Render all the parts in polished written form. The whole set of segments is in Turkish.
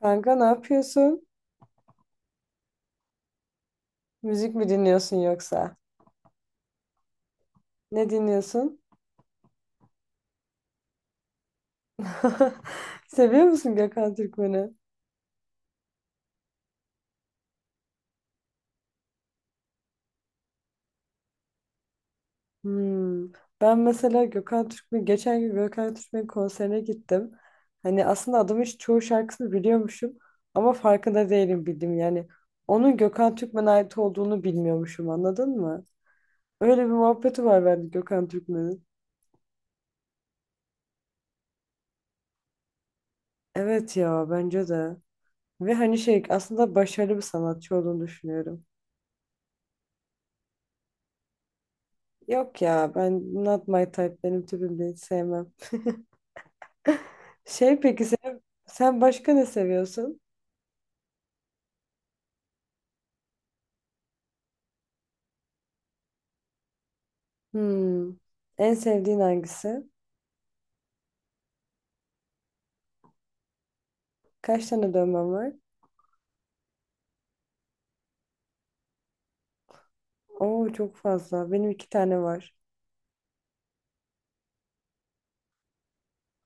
Kanka ne yapıyorsun? Müzik mi dinliyorsun yoksa? Ne dinliyorsun? Seviyor musun Gökhan Türkmen'i? Hmm. Ben mesela Gökhan Türkmen, geçen gün Gökhan Türkmen konserine gittim. Hani aslında adamın çoğu şarkısını biliyormuşum ama farkında değilim bildim yani. Onun Gökhan Türkmen'e ait olduğunu bilmiyormuşum anladın mı? Öyle bir muhabbeti var bende Gökhan Türkmen'in. Evet ya bence de. Ve hani şey aslında başarılı bir sanatçı olduğunu düşünüyorum. Yok ya ben not my type benim tipim değil sevmem. Şey peki sen başka ne seviyorsun? Hmm. En sevdiğin hangisi? Kaç tane dövmen var? Oo çok fazla. Benim iki tane var.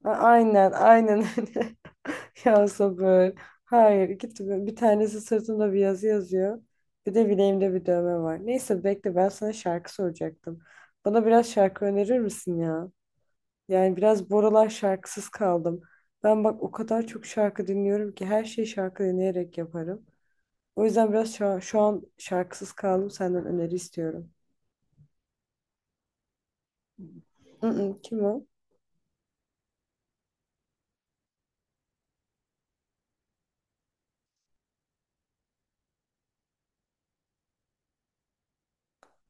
Aynen aynen öyle. Ya sabır. Hayır iki tane. Bir tanesi sırtımda bir yazı yazıyor. Bir de bileğimde bir dövme var. Neyse bekle ben sana şarkı soracaktım. Bana biraz şarkı önerir misin ya? Yani biraz bu aralar şarkısız kaldım. Ben bak o kadar çok şarkı dinliyorum ki her şeyi şarkı dinleyerek yaparım. O yüzden biraz şu an şarkısız kaldım. Senden öneri istiyorum. Mm-mm, kim o?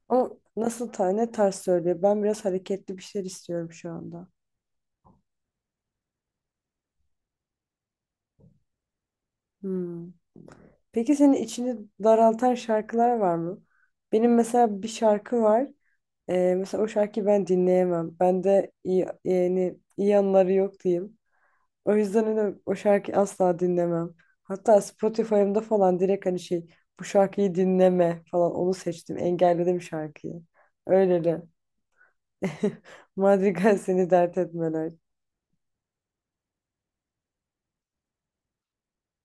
O nasıl ta ne tarz söylüyor? Ben biraz hareketli bir şeyler istiyorum şu anda. Hmm. Peki senin içini daraltan şarkılar var mı? Benim mesela bir şarkı var. Mesela o şarkıyı ben dinleyemem. Bende iyi, yani iyi anları yok diyeyim. O yüzden hani o şarkıyı asla dinlemem. Hatta Spotify'ımda falan direkt hani şey bu şarkıyı dinleme falan onu seçtim. Engelledim şarkıyı. Öyle de. Madrigal seni dert etmeler.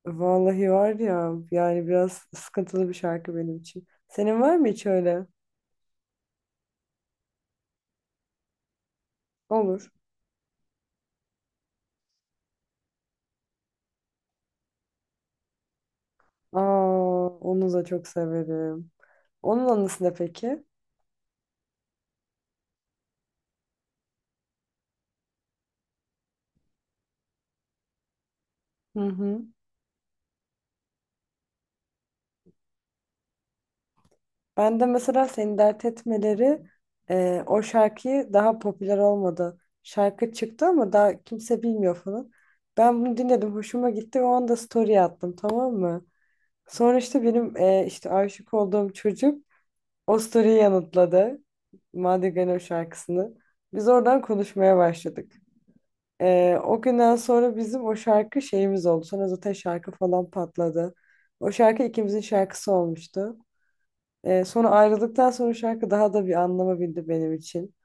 Vallahi var ya yani biraz sıkıntılı bir şarkı benim için. Senin var mı hiç öyle? Olur. Aa, onu da çok severim. Onun anısı ne peki? Hı hı. Ben de mesela seni dert etmeleri o şarkıyı daha popüler olmadı. Şarkı çıktı ama daha kimse bilmiyor falan. Ben bunu dinledim, hoşuma gitti ve o anda story attım tamam mı? Sonra işte benim işte aşık olduğum çocuk o story'yi yanıtladı. Madrigal'in o şarkısını. Biz oradan konuşmaya başladık. O günden sonra bizim o şarkı şeyimiz oldu. Sonra zaten şarkı falan patladı. O şarkı ikimizin şarkısı olmuştu. Sonra ayrıldıktan sonra şarkı daha da bir anlama bildi benim için.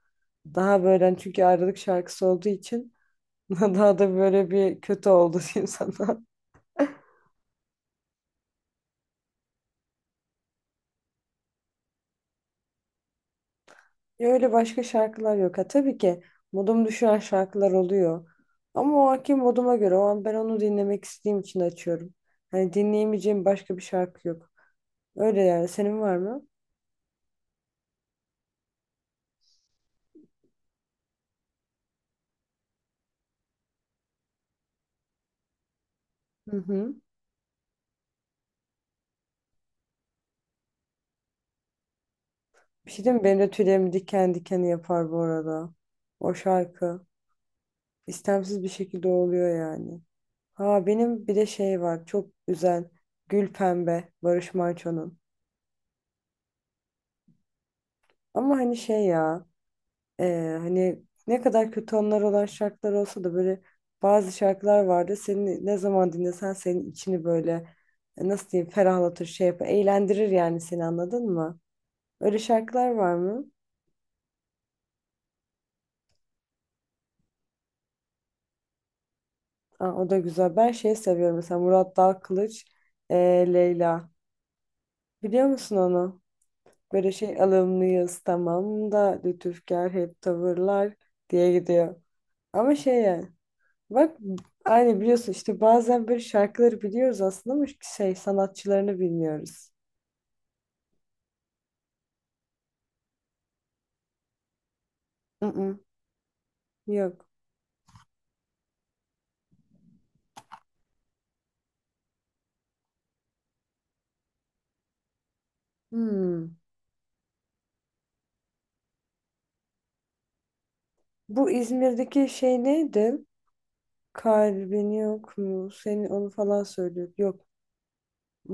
Daha böyle hani çünkü ayrılık şarkısı olduğu için daha da böyle bir kötü oldu diyeyim sana. Ya öyle başka şarkılar yok. Ha, tabii ki modum düşüren şarkılar oluyor. Ama o anki moduma göre o an ben onu dinlemek istediğim için açıyorum. Hani dinleyemeyeceğim başka bir şarkı yok. Öyle yani. Senin var mı? Hı hı. Bir şey değil mi? Benim de tüylerim diken diken yapar bu arada. O şarkı. İstemsiz bir şekilde oluyor yani. Ha benim bir de şey var çok güzel Gül Pembe Barış Manço'nun. Ama hani şey ya hani ne kadar kötü anılar olan şarkılar olsa da böyle bazı şarkılar vardı. Seni ne zaman dinlesen senin içini böyle nasıl diyeyim ferahlatır şey yapar eğlendirir yani seni anladın mı? Öyle şarkılar var mı? Aa, o da güzel. Ben şey seviyorum mesela Murat Dalkılıç e, Leyla. Biliyor musun onu? Böyle şey alımlıyız tamam da lütufkar hep tavırlar diye gidiyor. Ama şey yani bak aynı biliyorsun işte bazen böyle şarkıları biliyoruz aslında ama şey sanatçılarını bilmiyoruz. Mm-mm, yok. Hmm. Bu İzmir'deki şey neydi? Kalbin yok mu? Senin onu falan söylüyor. Yok.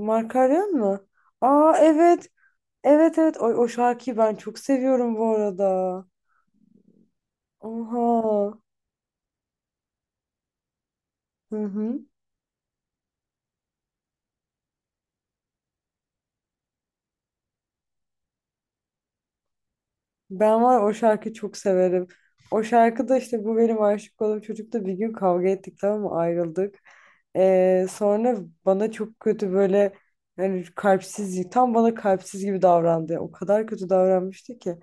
Makaryon mu? Aa evet. Evet evet. O şarkıyı ben çok seviyorum bu arada. Oha. Hı hı. Ben var ya o şarkıyı çok severim. O şarkıda işte bu benim aşık olduğum çocukla bir gün kavga ettik tamam mı ayrıldık. Sonra bana çok kötü böyle yani kalpsiz tam bana kalpsiz gibi davrandı. O kadar kötü davranmıştı ki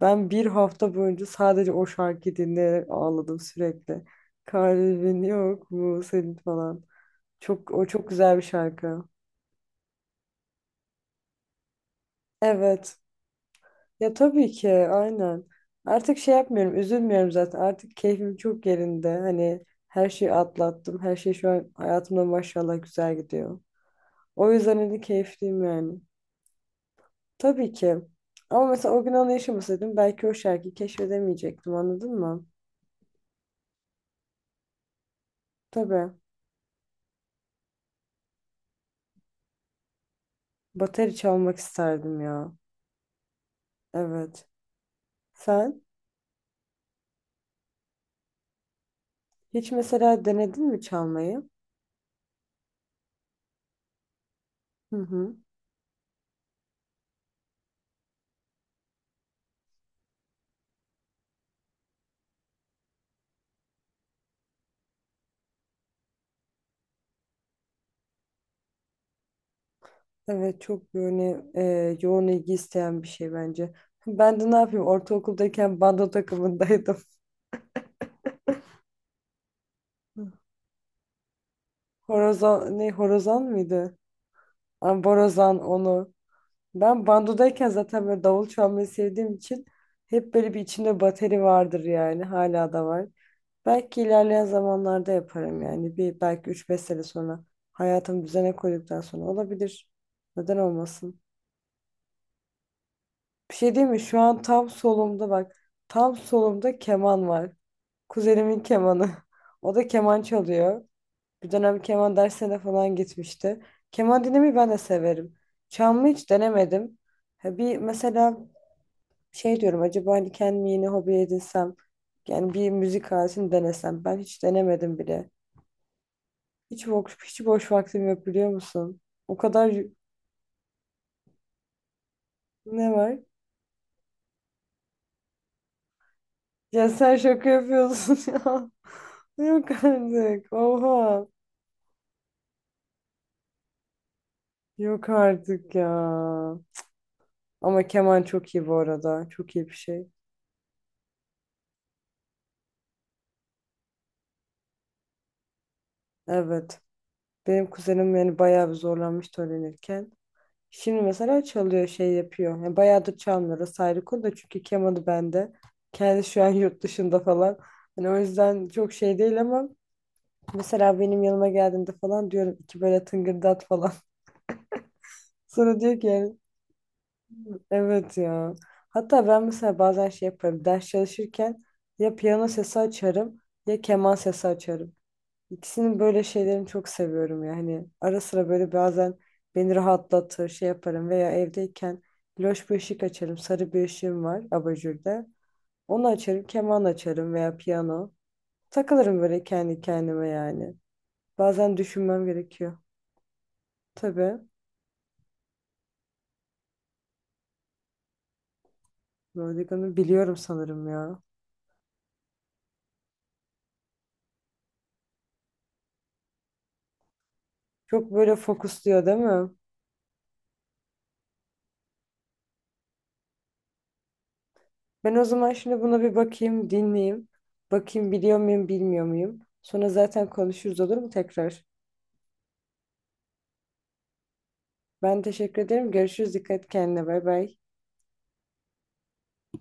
ben bir hafta boyunca sadece o şarkıyı dinleyerek ağladım sürekli. Kalbin yok mu senin falan. Çok o çok güzel bir şarkı. Evet. Ya tabii ki aynen. Artık şey yapmıyorum, üzülmüyorum zaten. Artık keyfim çok yerinde. Hani her şeyi atlattım. Her şey şu an hayatımda maşallah güzel gidiyor. O yüzden hani keyifliyim yani. Tabii ki. Ama mesela o gün onu yaşamasaydım belki o şarkıyı keşfedemeyecektim anladın mı? Tabii. Bateri çalmak isterdim ya. Evet. Sen hiç mesela denedin mi çalmayı? Hı hı. Evet çok böyle yoğun ilgi isteyen bir şey bence. Ben de ne yapayım ortaokuldayken bando takımındaydım. Horozan ne horozan mıydı? Ha, borazan onu. Ben bandodayken zaten böyle davul çalmayı sevdiğim için hep böyle bir içimde bateri vardır yani hala da var. Belki ilerleyen zamanlarda yaparım yani bir belki üç beş sene sonra hayatımı düzene koyduktan sonra olabilir. Neden olmasın? Bir şey değil mi? Şu an tam solumda bak tam solumda keman var. Kuzenimin kemanı. O da keman çalıyor. Bir dönem keman dersine de falan gitmişti. Keman dinlemeyi ben de severim. Çalmayı hiç denemedim. Ha bir mesela şey diyorum acaba hani kendimi yeni hobi edinsem yani bir müzik aletini denesem ben hiç denemedim bile. Hiç boş vaktim yok biliyor musun? O kadar y- ne var? Ya sen şaka yapıyorsun ya. Yok artık. Oha. Yok artık ya. Ama keman çok iyi bu arada. Çok iyi bir şey. Evet. Benim kuzenim yani bayağı bir zorlanmıştı öğrenirken. Şimdi mesela çalıyor şey yapıyor. Yani bayağıdır çalmıyor. Orası ayrı konu da çünkü kemanı bende. Kendi şu an yurt dışında falan. Hani o yüzden çok şey değil ama mesela benim yanıma geldiğinde falan diyorum iki böyle tıngırdat falan. Sonra diyor ki yani evet ya. Hatta ben mesela bazen şey yaparım. Ders çalışırken ya piyano sesi açarım ya keman sesi açarım. İkisinin böyle şeylerini çok seviyorum yani. Ara sıra böyle bazen beni rahatlatır, şey yaparım veya evdeyken loş bir ışık açarım. Sarı bir ışığım var abajurda. Onu açarım, keman açarım veya piyano. Takılırım böyle kendi kendime yani. Bazen düşünmem gerekiyor. Tabii. Rodrigo'nu biliyorum sanırım ya. Çok böyle fokusluyor değil mi? Ben o zaman şimdi buna bir bakayım, dinleyeyim. Bakayım biliyor muyum, bilmiyor muyum? Sonra zaten konuşuruz olur mu tekrar? Ben teşekkür ederim. Görüşürüz. Dikkat et kendine. Bay bay.